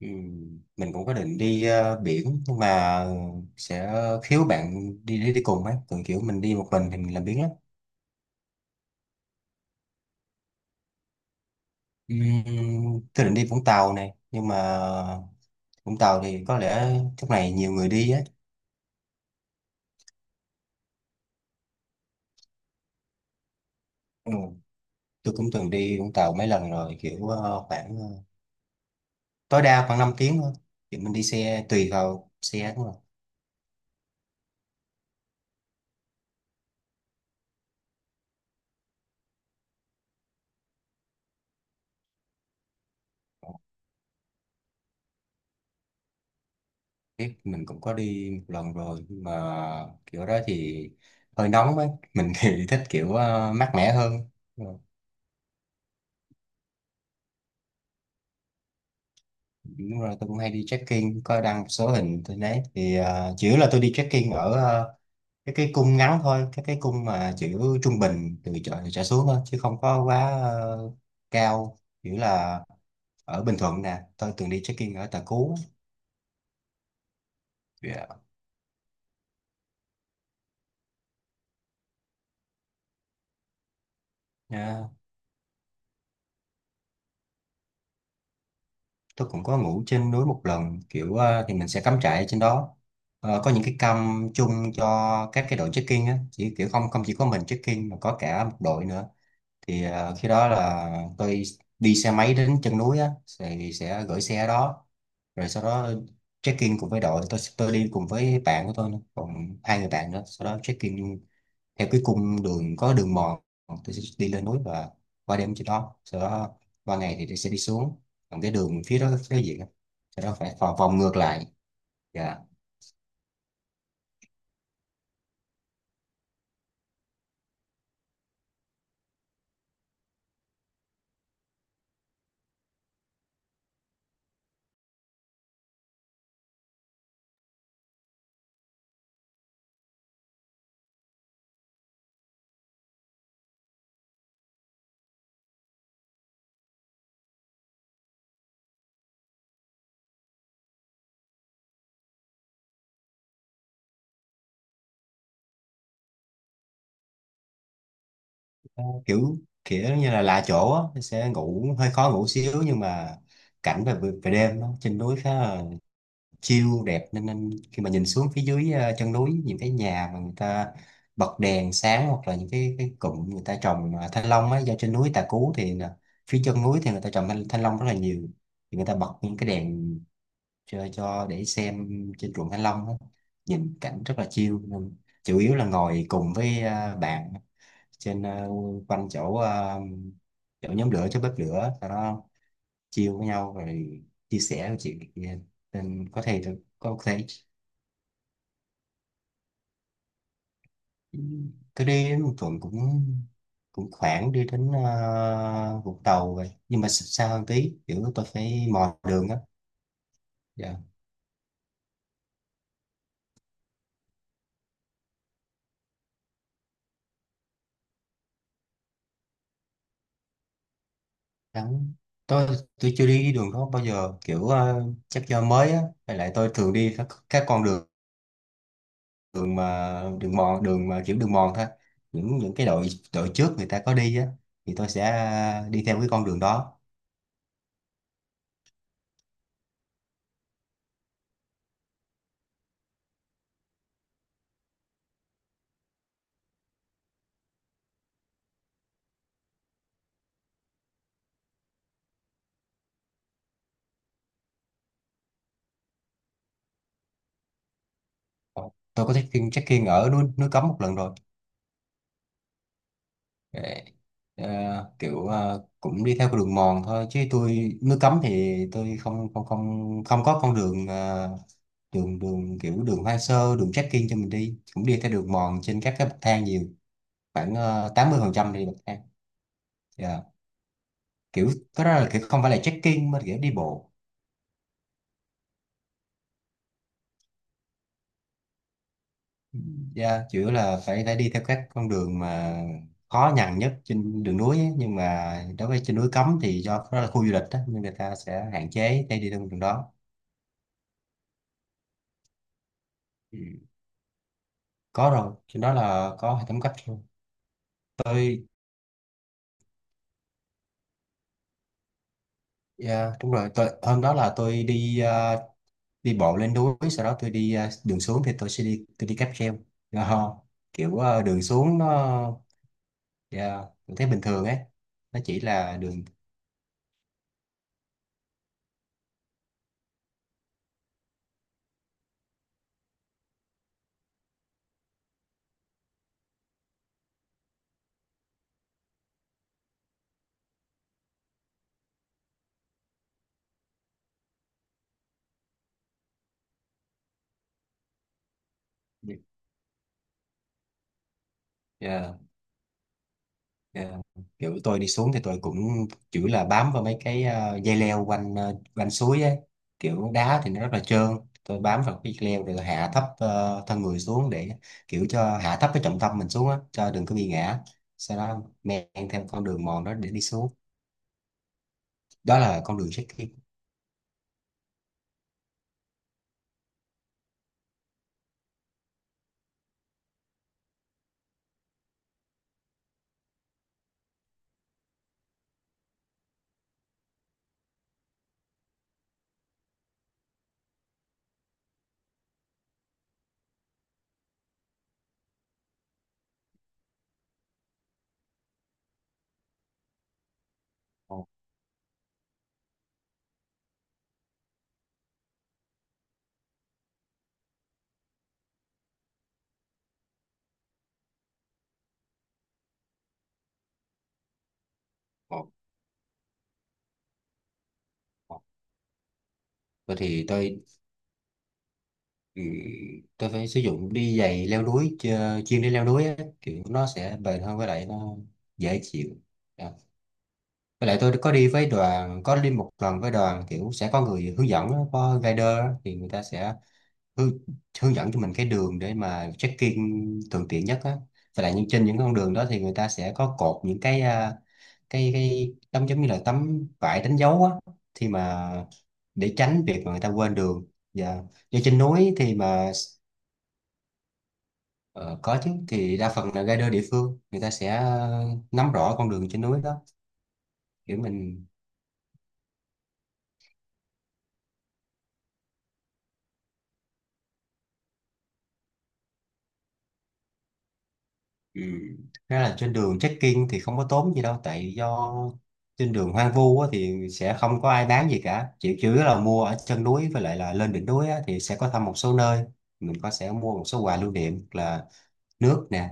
Ừ, mình cũng có định đi biển, nhưng mà sẽ thiếu bạn đi đi, đi cùng ấy, còn kiểu mình đi một mình thì mình làm biếng lắm. Ừm, tôi định đi Vũng Tàu này, nhưng mà Vũng Tàu thì có lẽ lúc này nhiều người đi á. Ừ. Tôi cũng từng đi Vũng Tàu mấy lần rồi, kiểu khoảng tối đa khoảng 5 tiếng thôi, thì mình đi xe tùy vào xe đúng không. Biết mình cũng có đi một lần rồi, nhưng mà kiểu đó thì hơi nóng ấy. Mình thì thích kiểu mát mẻ hơn. Ờ, đúng rồi, tôi cũng hay đi trekking, có đăng một số hình tôi thấy thì chủ yếu là tôi đi trekking ở cái cung ngắn thôi, cái cung mà chữ trung bình từ chợ trở xuống thôi, chứ không có quá cao. Chủ yếu là ở Bình Thuận nè, tôi từng đi trekking ở Tà Cú. Yeah. Nha. Tôi cũng có ngủ trên núi một lần, kiểu thì mình sẽ cắm trại ở trên đó. Ờ, có những cái cam chung cho các cái đội trekking á, chỉ kiểu không không chỉ có mình trekking mà có cả một đội nữa, thì khi đó là tôi đi xe máy đến chân núi á, thì sẽ gửi xe ở đó rồi sau đó check in cùng với đội. Tôi đi cùng với bạn của tôi nữa, còn hai người bạn nữa. Sau đó check in theo cái cung đường có đường mòn, tôi sẽ đi lên núi và qua đêm trên đó, sau đó qua ngày thì tôi sẽ đi xuống. Còn cái đường phía đó cái gì á, sau đó phải vòng vòng ngược lại. Dạ. Kiểu kiểu như là lạ chỗ á, tôi sẽ ngủ hơi khó ngủ xíu, nhưng mà cảnh về về đêm á, trên núi khá là chiêu đẹp, nên khi mà nhìn xuống phía dưới chân núi những cái nhà mà người ta bật đèn sáng, hoặc là những cái cụm người ta trồng thanh long á. Do trên núi Tà Cú thì là phía chân núi thì người ta trồng thanh long rất là nhiều, thì người ta bật những cái đèn cho để xem trên ruộng thanh long á. Nhìn cảnh rất là chill, nên chủ yếu là ngồi cùng với bạn trên quanh chỗ chỗ nhóm lửa, chỗ bếp lửa sau đó chill với nhau, rồi chia sẻ chuyện này kia. Nên có thể tôi đi đến Bình Thuận cũng cũng khoảng đi đến Vũng Tàu vậy, nhưng mà xa xa hơn tí, kiểu tôi phải mò đường á. Dạ. Đắng. Tôi tôi chưa đi đường đó bao giờ, kiểu chắc do mới á, với lại tôi thường đi các con đường, đường mà đường mòn, đường mà kiểu đường mòn thôi. Những cái đội đội trước người ta có đi á, thì tôi sẽ đi theo cái con đường đó. Tôi có trekking trekking ở núi núi Cấm một lần rồi. Để, ờ, kiểu cũng đi theo con đường mòn thôi, chứ tôi nước cấm thì tôi không không không không có con đường đường đường kiểu đường hoang sơ, đường trekking cho mình đi, cũng đi theo đường mòn trên các cái bậc thang nhiều. Khoảng 80% đi bậc thang. Dạ. Kiểu cái đó là kiểu không phải là trekking mà kiểu đi bộ. Yeah, chủ yếu là phải phải đi theo các con đường mà khó nhằn nhất trên đường núi ấy. Nhưng mà đối với trên núi cấm thì do đó là khu du lịch đó, nên người ta sẽ hạn chế để đi theo con đường đó. Ừ. Có rồi, trên đó là có hệ thống cách luôn. Tôi yeah, đúng rồi. Tôi, hôm đó là tôi đi đi bộ lên núi, sau đó tôi đi đường xuống thì tôi đi cáp treo. Đó. Kiểu đường xuống nó yeah, mình thấy bình thường ấy. Nó chỉ là đường. Yeah. Ờ, kiểu tôi đi xuống thì tôi cũng chủ là bám vào mấy cái dây leo quanh suối ấy. Kiểu đá thì nó rất là trơn, tôi bám vào cái leo rồi tôi hạ thấp thân người xuống để kiểu cho hạ thấp cái trọng tâm mình xuống á, cho đừng có bị ngã. Sau đó men theo con đường mòn đó để đi xuống. Đó là con đường trekking. Ồ, ồ, ồ. Tôi thì tôi ừ, Tôi phải sử dụng đi giày leo núi chuyên đi leo núi á, kiểu nó sẽ bền hơn, với lại nó dễ chịu. Ờ, với lại tôi có đi với đoàn, có đi một lần với đoàn, kiểu sẽ có người hướng dẫn, á, có guider á, thì người ta sẽ hướng, hướng dẫn cho mình cái đường để mà check-in thuận tiện nhất á. Và lại trên những con đường đó thì người ta sẽ có cột những cái cái tấm giống như là tấm vải đánh dấu á, thì mà để tránh việc mà người ta quên đường. Và do trên núi thì mà ờ, có chứ, thì đa phần là guider địa phương người ta sẽ nắm rõ con đường trên núi đó. Kiểu mình. Ừ. Thực ra là trên đường trekking thì không có tốn gì đâu, tại do trên đường hoang vu á, thì sẽ không có ai bán gì cả, chỉ chủ yếu là mua ở chân núi, với lại là lên đỉnh núi á, thì sẽ có thăm một số nơi. Mình có sẽ mua một số quà lưu niệm là nước nè,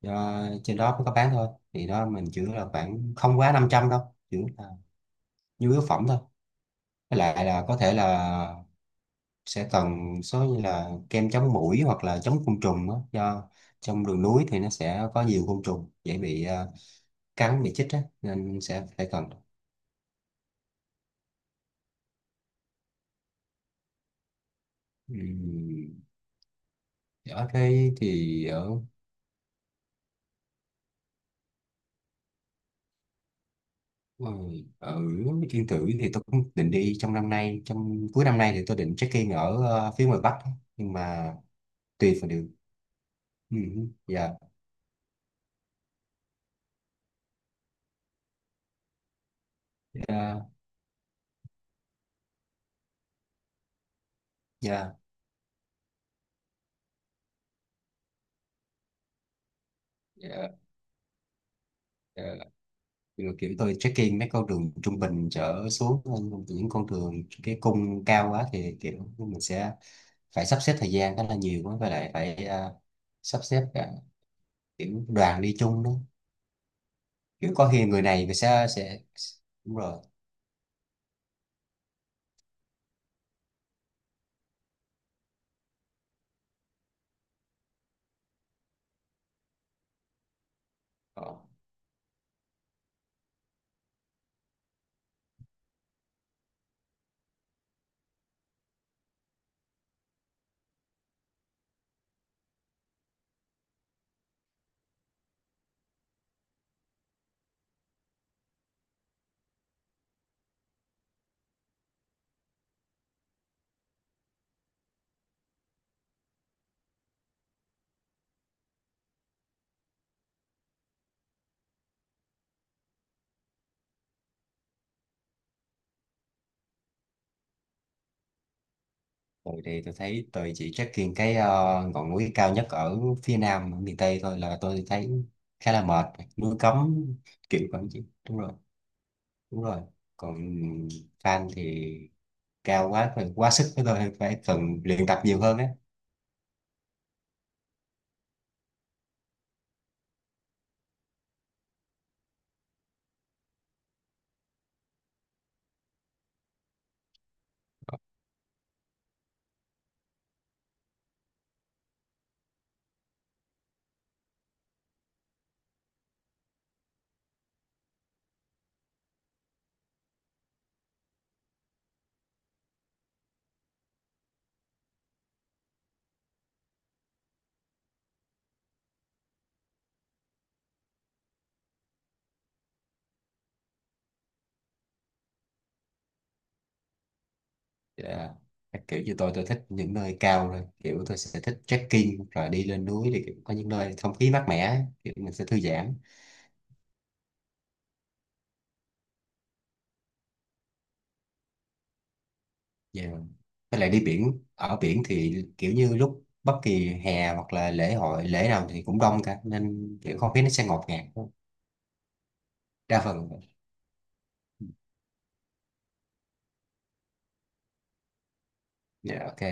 do trên đó mới có bán thôi, thì đó mình chỉ là khoảng không quá 500 đâu. Chỉ là nhu yếu phẩm thôi. Với lại là có thể là sẽ cần số như là kem chống muỗi hoặc là chống côn trùng á, do trong đường núi thì nó sẽ có nhiều côn trùng dễ bị cá bị chích á, nên sẽ phải cần. Ừm, Ở đây thì ờ, ở Yên Tử thì tôi cũng định đi trong năm nay, trong cuối năm nay thì tôi định check in ở phía ngoài Bắc, nhưng mà tùy vào điều. Dạ, dạ, dạ, dạ, dạ. Rồi kiểu tôi check in mấy con đường trung bình trở xuống hơn, những con đường cái cung cao quá thì kiểu mình sẽ phải sắp xếp thời gian khá là nhiều quá, và lại phải sắp xếp cả kiểu đoàn đi chung đó, chứ có khi người này người sẽ đúng rồi ờ. Rồi thì tôi thấy tôi chỉ trekking cái ngọn núi cao nhất ở phía nam ở miền Tây thôi, là tôi thấy khá là mệt, núi cấm kiểu vậy chứ. Đúng rồi, đúng rồi. Còn fan thì cao quá, phải quá sức với tôi, phải cần luyện tập nhiều hơn á. Dạ. Các kiểu như tôi thích những nơi cao rồi, kiểu tôi sẽ thích trekking rồi đi lên núi thì kiểu có những nơi không khí mát mẻ, kiểu mình sẽ thư giãn. Dạ. Với lại đi biển, ở biển thì kiểu như lúc bất kỳ hè hoặc là lễ hội lễ nào thì cũng đông cả, nên kiểu không khí nó sẽ ngột ngạt hơn. Đa phần. Dạ, ok.